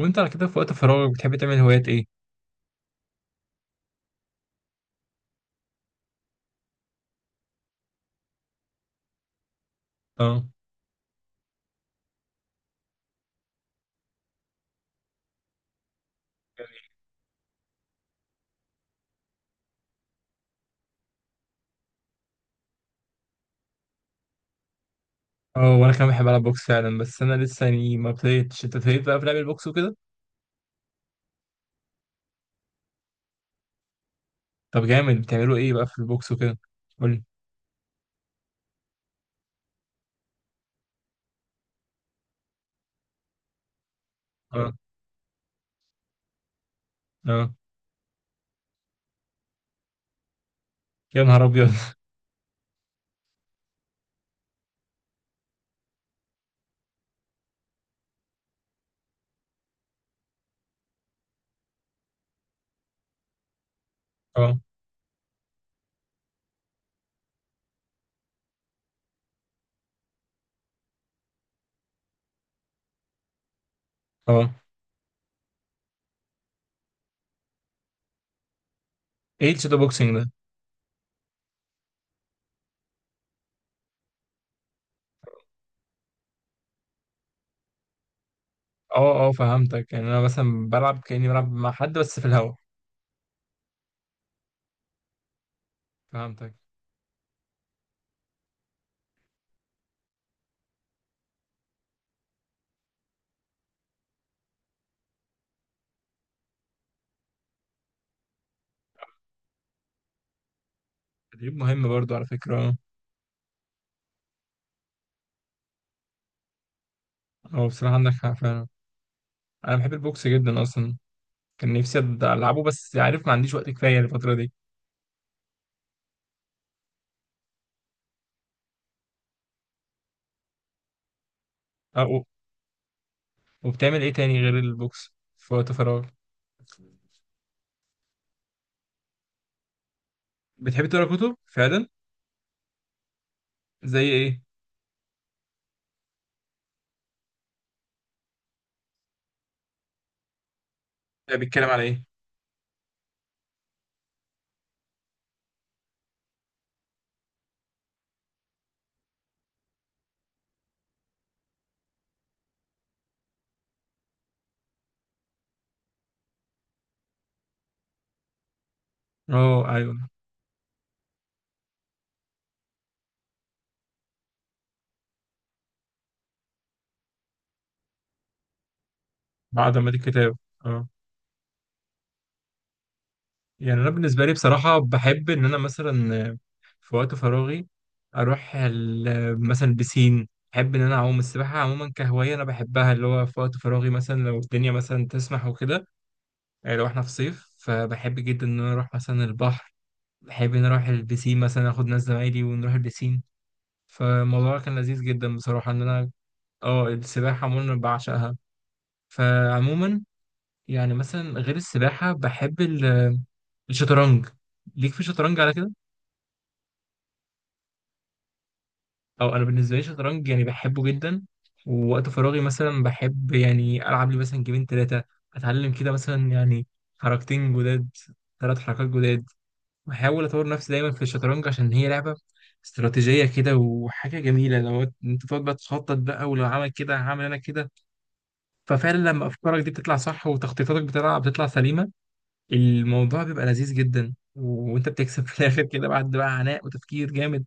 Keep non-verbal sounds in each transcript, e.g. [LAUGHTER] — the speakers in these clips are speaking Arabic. وانت على كده في وقت فراغك بتحب تعمل هوايات ايه؟ اه، اه، وانا كمان بحب العب بوكس فعلا، بس انا لسه يعني ما ابتديتش. انت ابتديت بقى في لعب البوكس وكده؟ طب جامد، بتعملوا ايه بقى في البوكس وكده؟ قولي. اه، اه، يا نهار ابيض [LAUGHS] اه، اه، ايه الشادو بوكسينج ده؟ اه، اه، فهمتك. يعني انا مثلا بلعب كأني بلعب مع حد بس في الهوا. فهمتك. تدريب مهم برضو على فكرة، اه. اه، بصراحة عندك حق فعلا. انا بحب البوكس جدا اصلا. كان نفسي العبه، بس عارف ما عنديش وقت كفاية الفترة دي. وبتعمل ايه تاني غير البوكس في وقت فراغ؟ بتحب تقرا كتب فعلا؟ زي ايه؟ يعني بيتكلم على ايه؟ اه ايوه. بعد ما دي الكتاب. اه. يعني انا بالنسبه لي بصراحه بحب ان انا مثلا في وقت فراغي اروح مثلا بسين. بحب ان انا اعوم، السباحه عموما كهوايه انا بحبها، اللي هو في وقت فراغي مثلا لو الدنيا مثلا تسمح وكده. يعني لو احنا في صيف، فبحب جدا ان انا اروح مثلا البحر. بحب ان أنا اروح البسين، مثلا اخد ناس زمايلي ونروح البسين. فالموضوع كان لذيذ جدا بصراحة إن أنا السباحة عموما أنا بعشقها. فعموما يعني مثلا غير السباحة بحب الشطرنج. ليك في الشطرنج على كده؟ أو أنا بالنسبة لي الشطرنج يعني بحبه جدا. ووقت فراغي مثلا بحب يعني ألعب لي مثلا جيمين تلاتة. أتعلم كده مثلا يعني حركتين جداد، تلات حركات جداد. بحاول أطور نفسي دايما في الشطرنج عشان هي لعبة استراتيجية كده، وحاجة جميلة لو أنت تقعد بقى تخطط، بقى ولو عمل كده هعمل أنا كده. ففعلا لما افكارك دي بتطلع صح، وتخطيطاتك بتطلع سليمه، الموضوع بيبقى لذيذ جدا، وانت بتكسب في الاخر كده بعد بقى عناء وتفكير جامد.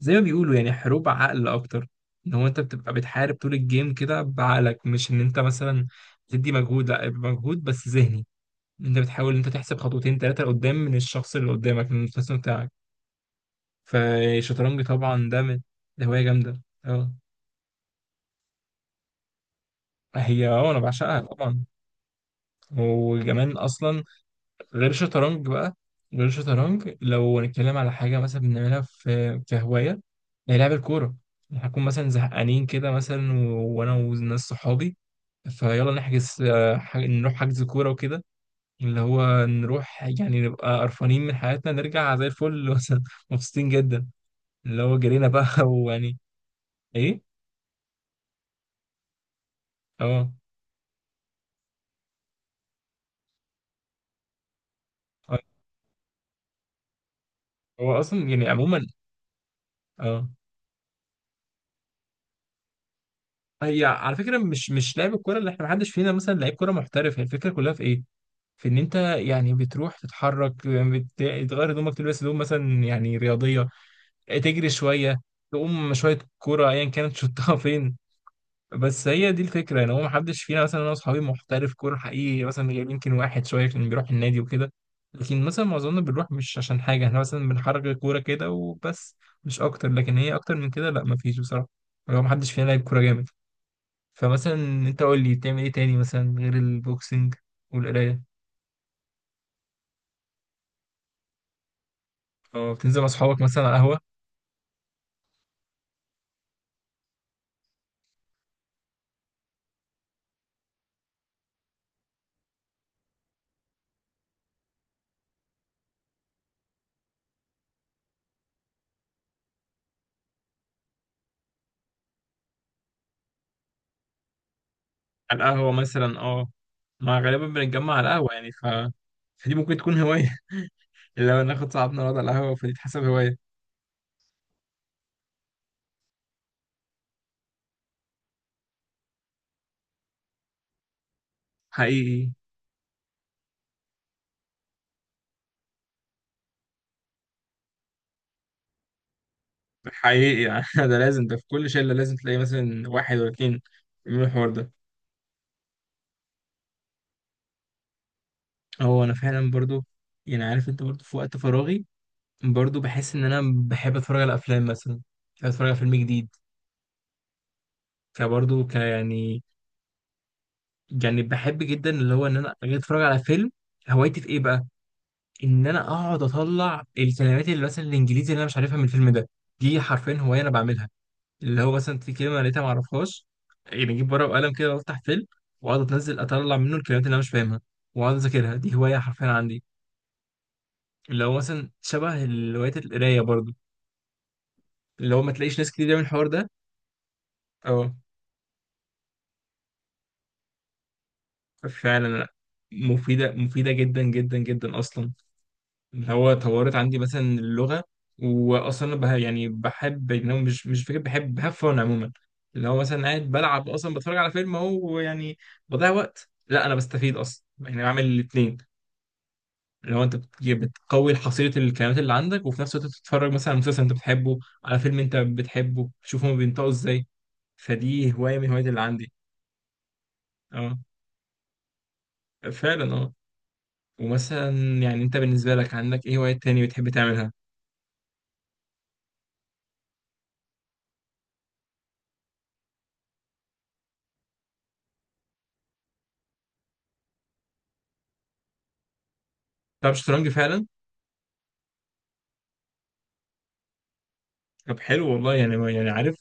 زي ما بيقولوا يعني حروب عقل اكتر، ان هو انت بتبقى بتحارب طول الجيم كده بعقلك، مش ان انت مثلا تدي مجهود، لا يبقى مجهود بس ذهني. إن انت بتحاول إن انت تحسب خطوتين ثلاثه لقدام من الشخص اللي قدامك، من الخصم بتاعك. فالشطرنج طبعا ده من، ده هوايه جامده اه. هي انا بعشقها طبعا. وكمان اصلا غير الشطرنج بقى، غير الشطرنج لو هنتكلم على حاجة مثلا بنعملها في كهواية، هي لعب الكورة. هنكون مثلا زهقانين كده مثلا وأنا وناس صحابي، فيلا نحجز نروح حجز كورة وكده. اللي هو نروح يعني نبقى قرفانين من حياتنا نرجع زي الفل [LAUGHS] مثلا، مبسوطين جدا. اللي هو جرينا بقى [LAUGHS] ويعني. إيه؟ أه. آه. هو أصلا يعني عموما. أه. هي على فكرة مش لعب الكورة، اللي إحنا محدش فينا مثلا لعيب كورة محترف. هي الفكرة كلها في إيه؟ في ان انت يعني بتروح تتحرك، تغير هدومك، تلبس هدوم مثلا يعني رياضيه، تجري شويه، تقوم شويه كوره ايا كانت شطها [LAUGHS] فين. بس هي دي الفكره، يعني هو ما حدش فينا مثلا انا واصحابي محترف كوره حقيقي، مثلا غير يمكن واحد شويه كان بيروح النادي وكده. لكن مثلا معظمنا بنروح مش عشان حاجه، احنا مثلا بنحرك الكوره كده وبس. مش اكتر، لكن هي اكتر من كده لا، ما فيش بصراحه. هو ما حدش فينا لعب كوره جامد. فمثلا انت قول لي، بتعمل ايه تاني مثلا غير البوكسنج والقرايه؟ اه، بتنزل مع اصحابك مثلا على القهوه؟ على القهوة مثلا، اه. ما غالبا بنتجمع على القهوة يعني. فدي ممكن تكون هواية. [LAUGHS] لو ناخد صاحبنا نقعد على القهوة، فدي تحسب هواية. حقيقي. حقيقي، يعني [LAUGHS] ده لازم، ده في كل شلة لازم تلاقي مثلا واحد ولا اتنين يعملوا الحوار ده. هو أنا فعلا برضو، يعني عارف أنت، برضو في وقت فراغي برضو بحس إن أنا بحب أتفرج على أفلام مثلا. بحب أتفرج على فيلم جديد. فبرضو يعني، يعني بحب جدا اللي هو إن أنا أجي أتفرج على فيلم. هوايتي في إيه بقى؟ ان انا اقعد اطلع الكلمات اللي مثلا الانجليزي اللي انا مش عارفها من الفيلم ده. دي حرفيا هوايه انا بعملها. اللي هو مثلا في كلمه لقيتها ما اعرفهاش، يعني اجيب ورقه وقلم كده وافتح فيلم، واقعد اتنزل اطلع منه الكلمات اللي انا مش فاهمها، واقعد اذاكرها. دي هوايه حرفيا عندي، اللي هو مثلا شبه هوايه القرايه برضو، اللي هو ما تلاقيش ناس كتير بتعمل الحوار ده. اه، فعلا لا، مفيده مفيده جدا جدا جدا اصلا. اللي هو طورت عندي مثلا اللغة. وأصلا أنا يعني بحب إن أنا، مش فكرة، بحب فن عموما. اللي هو مثلا قاعد بلعب أصلا، بتفرج على فيلم أهو يعني، بضيع وقت؟ لا، أنا بستفيد أصلا، يعني بعمل الاتنين. اللي هو أنت بتقوي حصيلة الكلمات اللي عندك، وفي نفس الوقت بتتفرج مثلا على مسلسل أنت بتحبه، على فيلم أنت بتحبه، تشوف هما بينطقوا إزاي. فدي هواية من الهوايات اللي عندي. أه. فعلا، أه. ومثلا، يعني أنت بالنسبة لك عندك إيه هوايات تاني بتحب تعملها؟ بتلعب شطرنج فعلا؟ طب حلو والله. يعني عارف،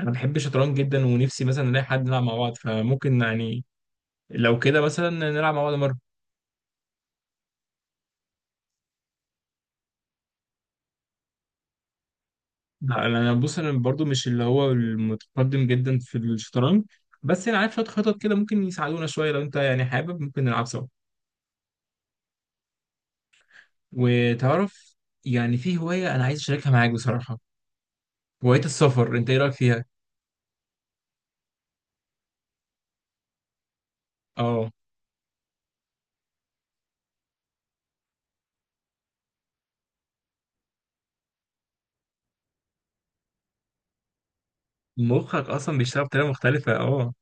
انا بحب الشطرنج جدا، ونفسي مثلا نلاقي حد نلعب مع بعض. فممكن يعني لو كده مثلا نلعب مع بعض مره. لا، انا بص، انا برضو مش اللي هو المتقدم جدا في الشطرنج، بس انا عارف شويه خطط كده ممكن يساعدونا شويه. لو انت يعني حابب ممكن نلعب سوا. وتعرف، يعني في هوايه انا عايز اشاركها معاك بصراحه، هوايه السفر، انت ايه رايك فيها؟ اه، مخك اصلا بيشتغل بطريقه مختلفه، اه.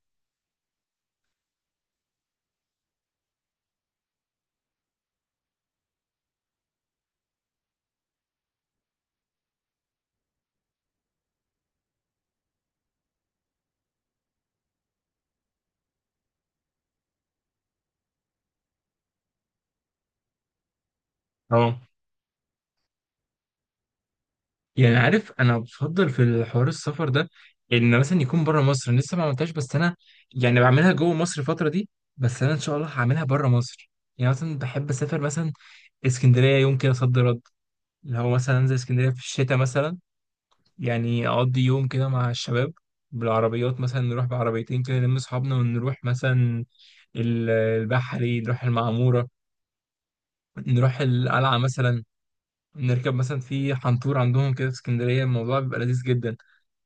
اه، يعني عارف، انا بفضل في الحوار السفر ده ان مثلا يكون بره مصر. أنا لسه ما عملتهاش، بس انا يعني بعملها جوه مصر الفتره دي، بس انا ان شاء الله هعملها بره مصر. يعني مثلا بحب اسافر مثلا اسكندريه يوم كده صد رد، اللي هو مثلا انزل اسكندريه في الشتاء مثلا. يعني اقضي يوم كده مع الشباب، بالعربيات مثلا، نروح بعربيتين كده، نلم اصحابنا ونروح مثلا البحري، نروح المعموره، نروح القلعه مثلا، نركب مثلا في حنطور عندهم كده في اسكندريه. الموضوع بيبقى لذيذ جدا.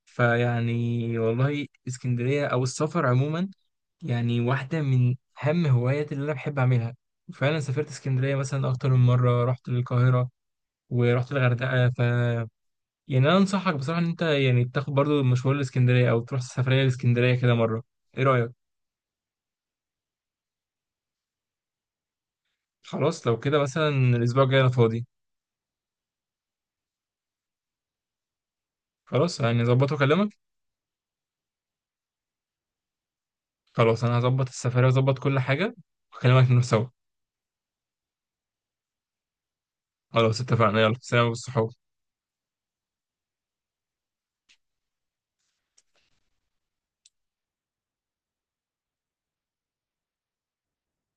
فيعني والله اسكندرية أو السفر عموما، يعني واحدة من أهم هواياتي اللي أنا بحب أعملها. وفعلا سافرت اسكندرية مثلا أكتر من مرة، رحت للقاهرة، ورحت الغردقة. ف يعني أنا أنصحك بصراحة إن أنت يعني تاخد برضو مشوار لاسكندرية، أو تروح سفرية لاسكندرية كده مرة. إيه رأيك؟ خلاص، لو كده مثلا الأسبوع الجاي أنا فاضي. خلاص يعني أظبط وأكلمك. خلاص، أنا هظبط السفرية وأظبط كل حاجة، وأكلمك نروح سوا. خلاص اتفقنا، يلا سلام والصحاب.